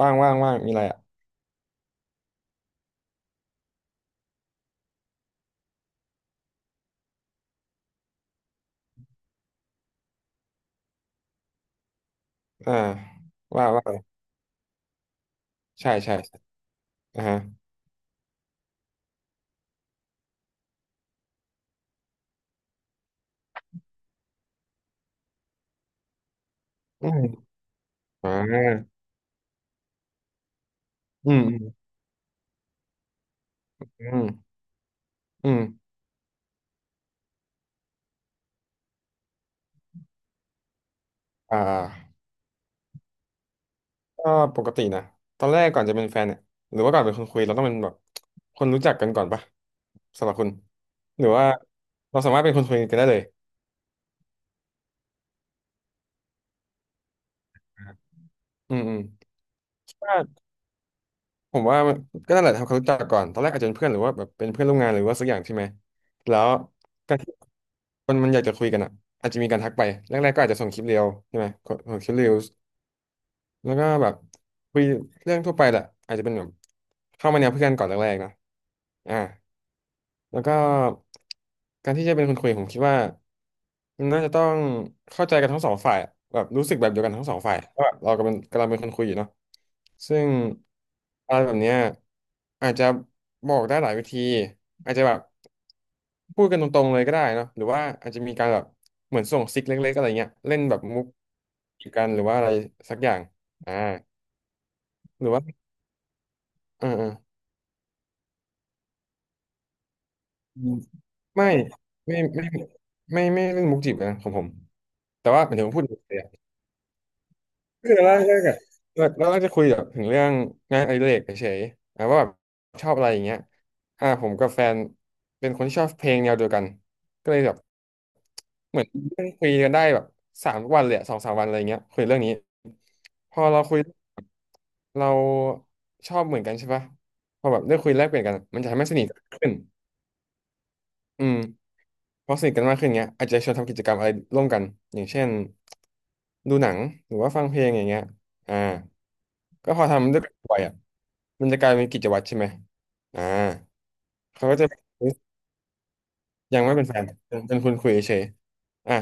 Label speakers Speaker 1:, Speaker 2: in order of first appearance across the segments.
Speaker 1: ว่างว่างว่างมีอะไรอ่ะอ่าว่าว่าไปใช่ใช่ใช่อ่าฮะอืมอ่าอืมอืมอืมอืมอ่าก็ปกตินะตอนแรกก่อนจะเป็นแฟนเนี่ยหรือว่าก่อนเป็นคนคุยเราต้องเป็นแบบคนรู้จักกันก่อนปะสำหรับคุณหรือว่าเราสามารถเป็นคนคุยกันได้เลยอืมอืมคิดว่าผมว่ามันก็นั่นแหละทำความรู้จักก่อนตอนแรกอาจจะเป็นเพื่อนหรือว่าแบบเป็นเพื่อนร่วมงานหรือว่าสักอย่างใช่ไหมแล้วการที่คนมันอยากจะคุยกันอ่ะอาจจะมีการทักไปแรกๆก็อาจจะส่งคลิปเรียวใช่ไหมส่งคลิปเรียว แล้วก็แบบคุยเรื่องทั่วไปแหละอาจจะเป็นแบบเข้ามาแนวเพื่อนก่อนแรกๆนะอ่าแล้วก็การที่จะเป็นคนคุยผมคิดว่ามันน่าจะต้องเข้าใจกันทั้งสองฝ่ายอะแบบรู้สึกแบบเดียวกันทั้งสองฝ่ายว่าแบบเรากำลังเป็นคนคุยอยู่เนาะซึ่งอะไรแบบเนี้ยอาจจะบอกได้หลายวิธีอาจจะแบบพูดกันตรงๆเลยก็ได้เนาะหรือว่าอาจจะมีการแบบเหมือนส่งซิกเล็กๆอะไรเงี้ยเล่นแบบมุกกันหรือว่าอะไรสักอย่างอ่าหรือว่า เอ่ออืมไม่ไม่ไม่ไมไม่เรื่องมุกจีบนะของผมแต่ว่าหมายถึงว่าพูดถึงเลยอะคือเราแรกๆอะเราก็จะคุยแบบถึงเรื่องงานอดิเรกเฉยๆอ่ะว่าแบบชอบอะไรอย่างเงี้ยอ่าผมกับแฟนเป็นคนที่ชอบเพลงแนวเดียวกันก็เลยแบบเหมือนนั่งคุยกันได้แบบสามวันเลยอะสองสามวันอะไรเงี้ยคุยเรื่องนี้พอเราคุยเราชอบเหมือนกันใช่ปะพอแบบได้คุยแลกเปลี่ยนกันมันจะทำให้สนิทกันขึ้นอืม พอสนิทกันมากขึ้นเงี้ยอาจจะชวนทำกิจกรรมอะไรร่วมกันอย่างเช่นดูหนังหรือว่าฟังเพลงอย่างเงี้ยอ่าก็พอทำด้วยกันบ่อยอ่ะมันจะกลายเป็นกิจวัตรใช่ไหมอ่าเขาก็จะยังไม่เป็นแฟนเป็นคุณคุยเฉยๆอ่า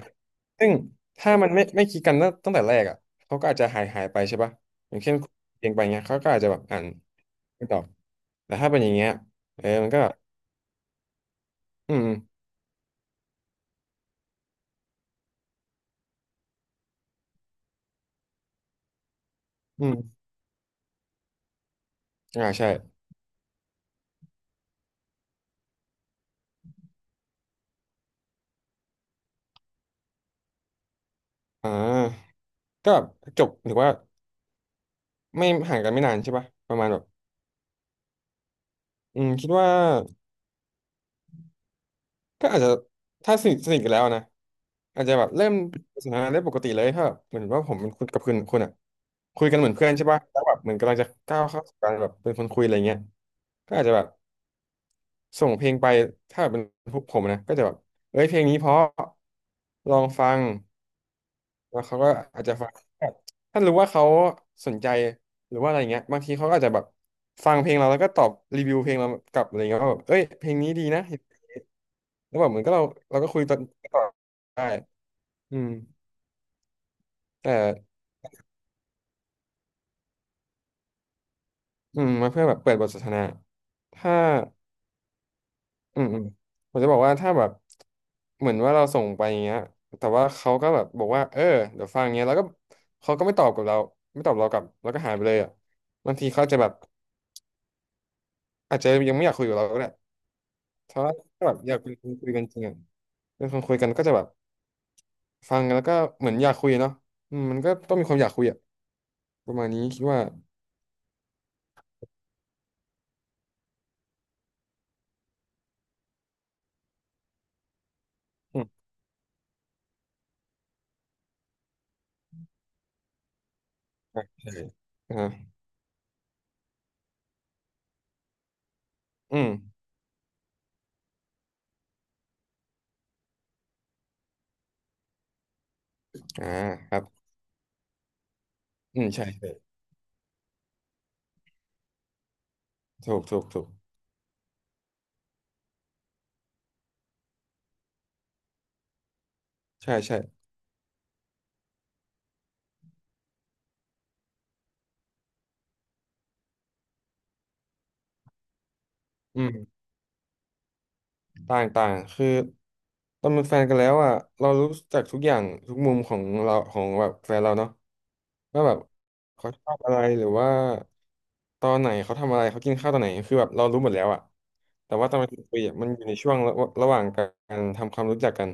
Speaker 1: ซึ่งถ้ามันไม่คิดกันตั้งแต่แรกอ่ะเขาก็อาจจะหายไปใช่ปะอย่างเช่นเพียงไปเงี้ยเขาก็อาจจะแบบอ่านไม่ตอบแต่ถ้าเป็นอย่างเงี้ยเออมันก็แบบอืมอืมอ่าใช่อ่าก็จบหรือว่า ไม่ห่างกันไม่นานใช่ปะประมาณแบบอืมคิดว่าก็อาจจะถ้าสนิทกันแล้วนะอาจจะแบบเริ่มสนทนาได้ปกติเลยถ้าแบบเหมือนว่าผมเป็นคุณกับคุณอ่ะคุยกันเหมือนเพื่อนใช่ปะแล้วแบบเหมือนกำลังจะก้าวเข้าสู่การแบบเป็นคนคุยอะไรเงี้ยก็อาจจะแบบส่งเพลงไปถ้าแบบเป็นพวกผมนะก็จะแบบเอ้ยเพลงนี้เพราะลองฟัง แล้วเขาก็อาจจะฟังแบบถ้ารู้ว่าเขาสนใจหรือว่าอะไรเงี้ยบางทีเขาก็อาจจะแบบฟังเพลงเราแล้วก็ตอบรีวิวเพลงเรากลับอะไรเงี้ยว่าแบบเอ้ยเพลงนี้ดีนะแล้วแบบเหมือนก็เราเราก็คุยต่อได้อืมแต่อืมมาเพื่อแบบเปิดบทสนทนา ถ้าอืมผมจะบอกว่าถ้าแบบเหมือนว่าเราส่งไปอย่างเงี้ยแต่ว่าเขาก็แบบบอกว่าเออเดี๋ยวฟังเงี้ยแล้วก็เขาก็ไม่ตอบกับเราไม่ตอบเรากลับแล้วก็หายไปเลยอ่ะบางทีเขาจะแบบอาจจะยังไม่อยากคุยกับเราก็ได้ เพราะว่าถ้าแบบอยากเป็นคนคุยกันจริงอะเป็นคนคุยกันก็จะแบบฟังแล้วก็เหมือนอยากคุยเนาะอืมมันก็ต้องมีความอยากคุยอะประมาณนี้คิดว่าอืมอ่ะใช่อ่าอืมอ่าครับอืมใช่ใช่ถูกถูกถูกใช่ใช่อืมต่างต่างคือตอนเป็นแฟนกันแล้วอ่ะเรารู้จักทุกอย่างทุกมุมของเราของแบบแฟนเราเนาะ ว่าแบบเขาชอบอะไรหรือว่าตอนไหนเขาทำอะไรเขากินข้าวตอนไหนคือแบบเรารู้หมดแล้วอะแต่ว่าตอนมาคุยอะมันอยู่ในช่วงระหว่างการทำความรู้จักกัน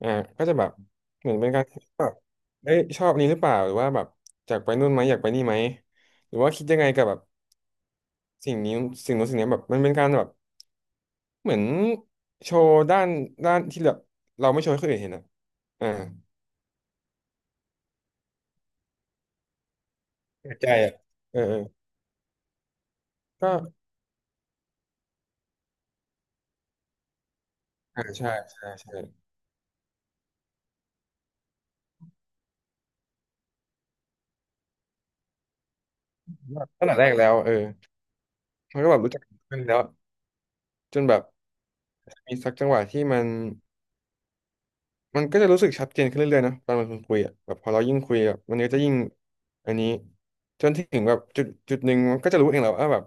Speaker 1: อ่าก็จะแบบเหมือนเป็นการคิดแบบเอ้ยชอบอันนี้หรือเปล่าหรือว่าแบบอยากไปนู่นไหมอยากไปนี่ไหมหรือว่าคิดยังไงกับแบบสิ่งนี้สิ่งนู้นสิ่งนี้แบบมันเป็นการแบบเหมือนโชว์ด้านที่แบบเราไม่โชว์ให้คนอื่นเห็นอะอ่าเปิดใจอะเออเออก็อ่าใช่ใช่ใช่ว่าตั้งแต่แรกแล้วเออ มันก็แบบรู้จักกันขึ้นแล้วจนแบบมีสักจังหวะที่มันก็จะรู้สึกชัดเจนขึ้นเรื่อยๆนะตอนมันคุยอ่ะแบบพอเรายิ่งคุยแบบมันก็จะยิ่งอันนี้จนถึงแบบจุดหนึ่งมันก็จะรู้เองแหละว่าแบบ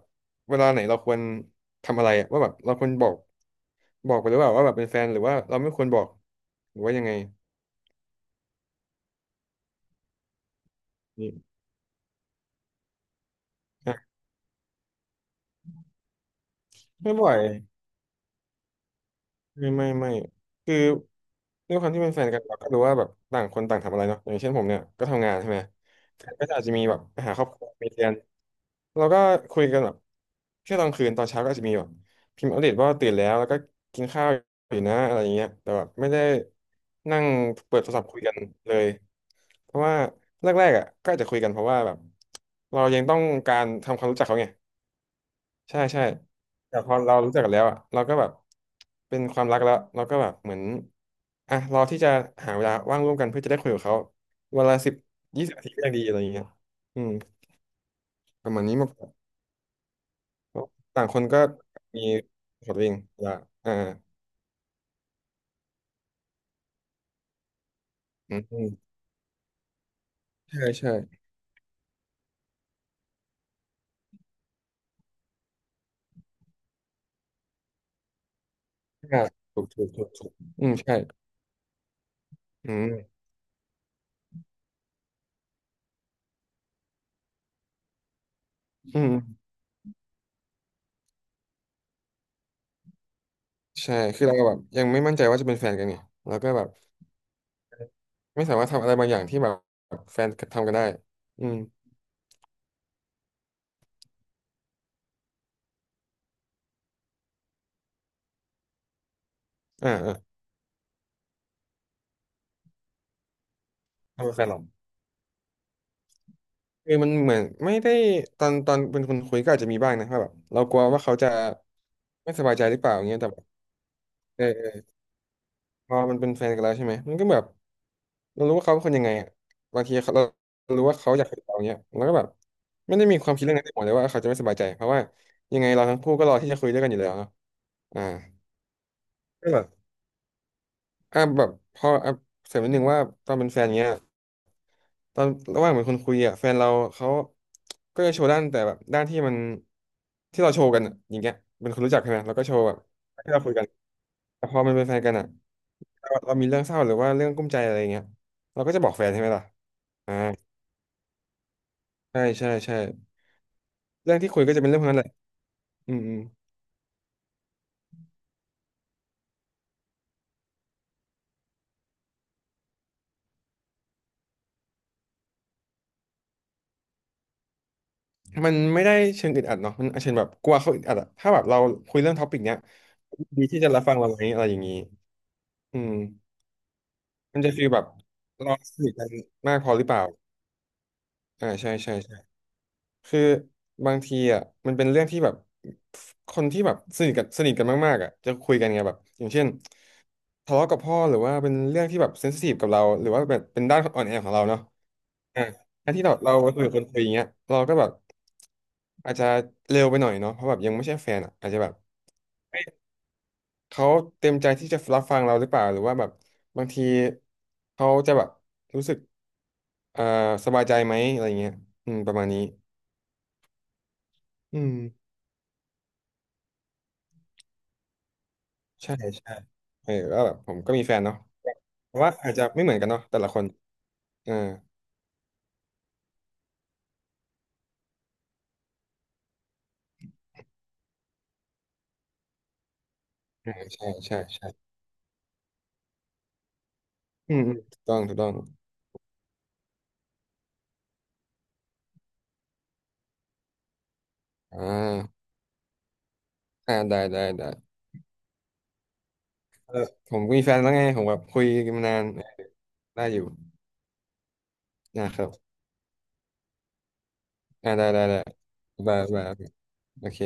Speaker 1: เวลาไหนเราควรทำอะไรอะว่าแบบเราควรบอกไปหรือเปล่าว่าแบบเป็นแฟนหรือว่าเราไม่ควรบอกหรือว่ายังไงนี่อ่ะไม่บ่อยไม่ไม่คือด้วยความที่เป็นแฟนกันเราก็รู้ว่าแบบต่างคนต่างทำอะไรเนาะอย่างเช่นผมเนี่ยก็ทำงานใช่ไหมแฟนก็อาจจะมีแบบไปหาครอบครัวมีเรียน เราก็คุยกันแบบแค่ตอนคืนตอนเช้าก็อาจจะมีแบบพิมพ์อัปเดตว่าตื่นแล้วแล้วก็กินข้าวอยู่นะอะไรอย่างเงี้ยแต่แบบไม่ได้นั่งเปิดโทรศัพท์คุยกันเลยเพราะว่าแรกๆอ่ะก็อาจจะคุยกันเพราะว่าแบบเรายังต้องการทำความรู้จักเขาไงใช่ใช่แต่พอเรารู้จักกันแล้วอ่ะเราก็แบบเป็นความรักแล้วเราก็แบบเหมือนอ่ะรอที่จะหาเวลาว่างร่วมกันเพื่อจะได้คุยกับเขาเวลา10-20 นาทีก็ยังดีอะไรอย่างเงี้ยอืมประมาณนี้มาก เพราะต่างคนก็มีขอดวิ่งละอ่าอืมอืมใช่ใช่อ่าถูกถูกถูกถูกอืมใช่อืมอืมใช่คือเราแบบยังไม่มั่นใจว่าจะเป็นแฟนกันไงแล้วก็แบบไม่สามารถทำอะไรบางอย่างที่แบบแฟนทำกันได้อืมอ่าอ่าทำเป็นแฟนหรอคือมันเหมือนไม่ได้ตอนเป็นคนคุยก็อาจจะมีบ้างนะว่าแบบเรากลัวว่าเขาจะไม่สบายใจหรือเปล่าอย่างเงี้ยแต่แบบเออเออพอมันเป็นแฟนกันแล้วใช่ไหมมันก็แบบ เรารู้ว่าเขาเป็นคนยังไงอ่ะบางทีเขาเรารู้ว่าเขาอยากคุยกับเราเนี้ยเราก็แบบไม่ได้มีความคิดเรื่องนั้นในหัวเลยว่าเขาจะไม่สบายใจเพราะว่ายังไงเราทั้งคู่ก็รอที่จะคุยด้วยกันอยู่แล้วเนาะอ่าก็แบบอ่ะแบบพออ่ะเสริมนิดนึงว่าตอนเป็นแฟนเงี้ยตอนระหว่างเป็นคนคุยอ่ะแฟนเราเขาก็จะโชว์ด้านแต่แบบด้านที่มันที่เราโชว์กันอะอย่างเงี้ยเป็นคนรู้จักใช่ไหมเราก็โชว์แบบที่เราคุยกันแต่พอมันเป็นแฟนกันอ่ะเรามีเรื่องเศร้าหรือว่าเรื่องกุ้มใจอะไรอย่างเงี้ยเราก็จะบอกแฟนใช่ไหมล่ะอ่าใช่ใช่ใช่ เรื่องที่คุยก็จะเป็นเรื่องพวกนั้นแหละอืมอืมมันไม่ได้เชิงอึดอัดเนาะมันเชิงแบบกลัวเขาอึดอัดอะถ้าแบบเราคุยเรื่องท็อปิกเนี้ยดีที่จะรับฟังเราไหมอะไรอย่างนี้อืมมันจะฟีลแบบเราสนิทกันมากพอหรือเปล่าอ่าใช่ใช่ใช่คือบางทีอ่ะมันเป็นเรื่องที่แบบคนที่แบบสนิทกันสนิทกันมากๆอ่ะจะคุยกันไงแบบอย่างเช่นทะเลาะกับพ่อหรือว่าเป็นเรื่องที่แบบเซนซิทีฟกับเราหรือว่าแบบเป็นด้านอ่อนแอของเราเนาะ อ่ะการที่เราคุยกับคนคุยอย่างเงี้ยเราก็แบบอาจจะเร็วไปหน่อยเนาะเพราะแบบยังไม่ใช่แฟนอ่ะอาจจะแบบเอ้ยเขาเต็มใจที่จะรับฟังเราหรือเปล่าหรือว่าแบบบางทีเขาจะแบบรู้สึกเอ่อสบายใจไหมอะไรเงี้ยอืมประมาณนี้อืมใช่ใช่เออก็แบบผมก็มีแฟนเนาะแพ่ว่าอาจจะไม่เหมือนกันเนาะแต่ละคนเอ่าอาใช่ใช่ใช่อืมอืมถูกต้องถูกต้องอ่าอ่าได้ได้ได้เออผมก็มีแฟนแล้วไงผมแบบคุยกันมานาน ได้อยู่นะครับอ่าได้ได้ได้บายบายโอเค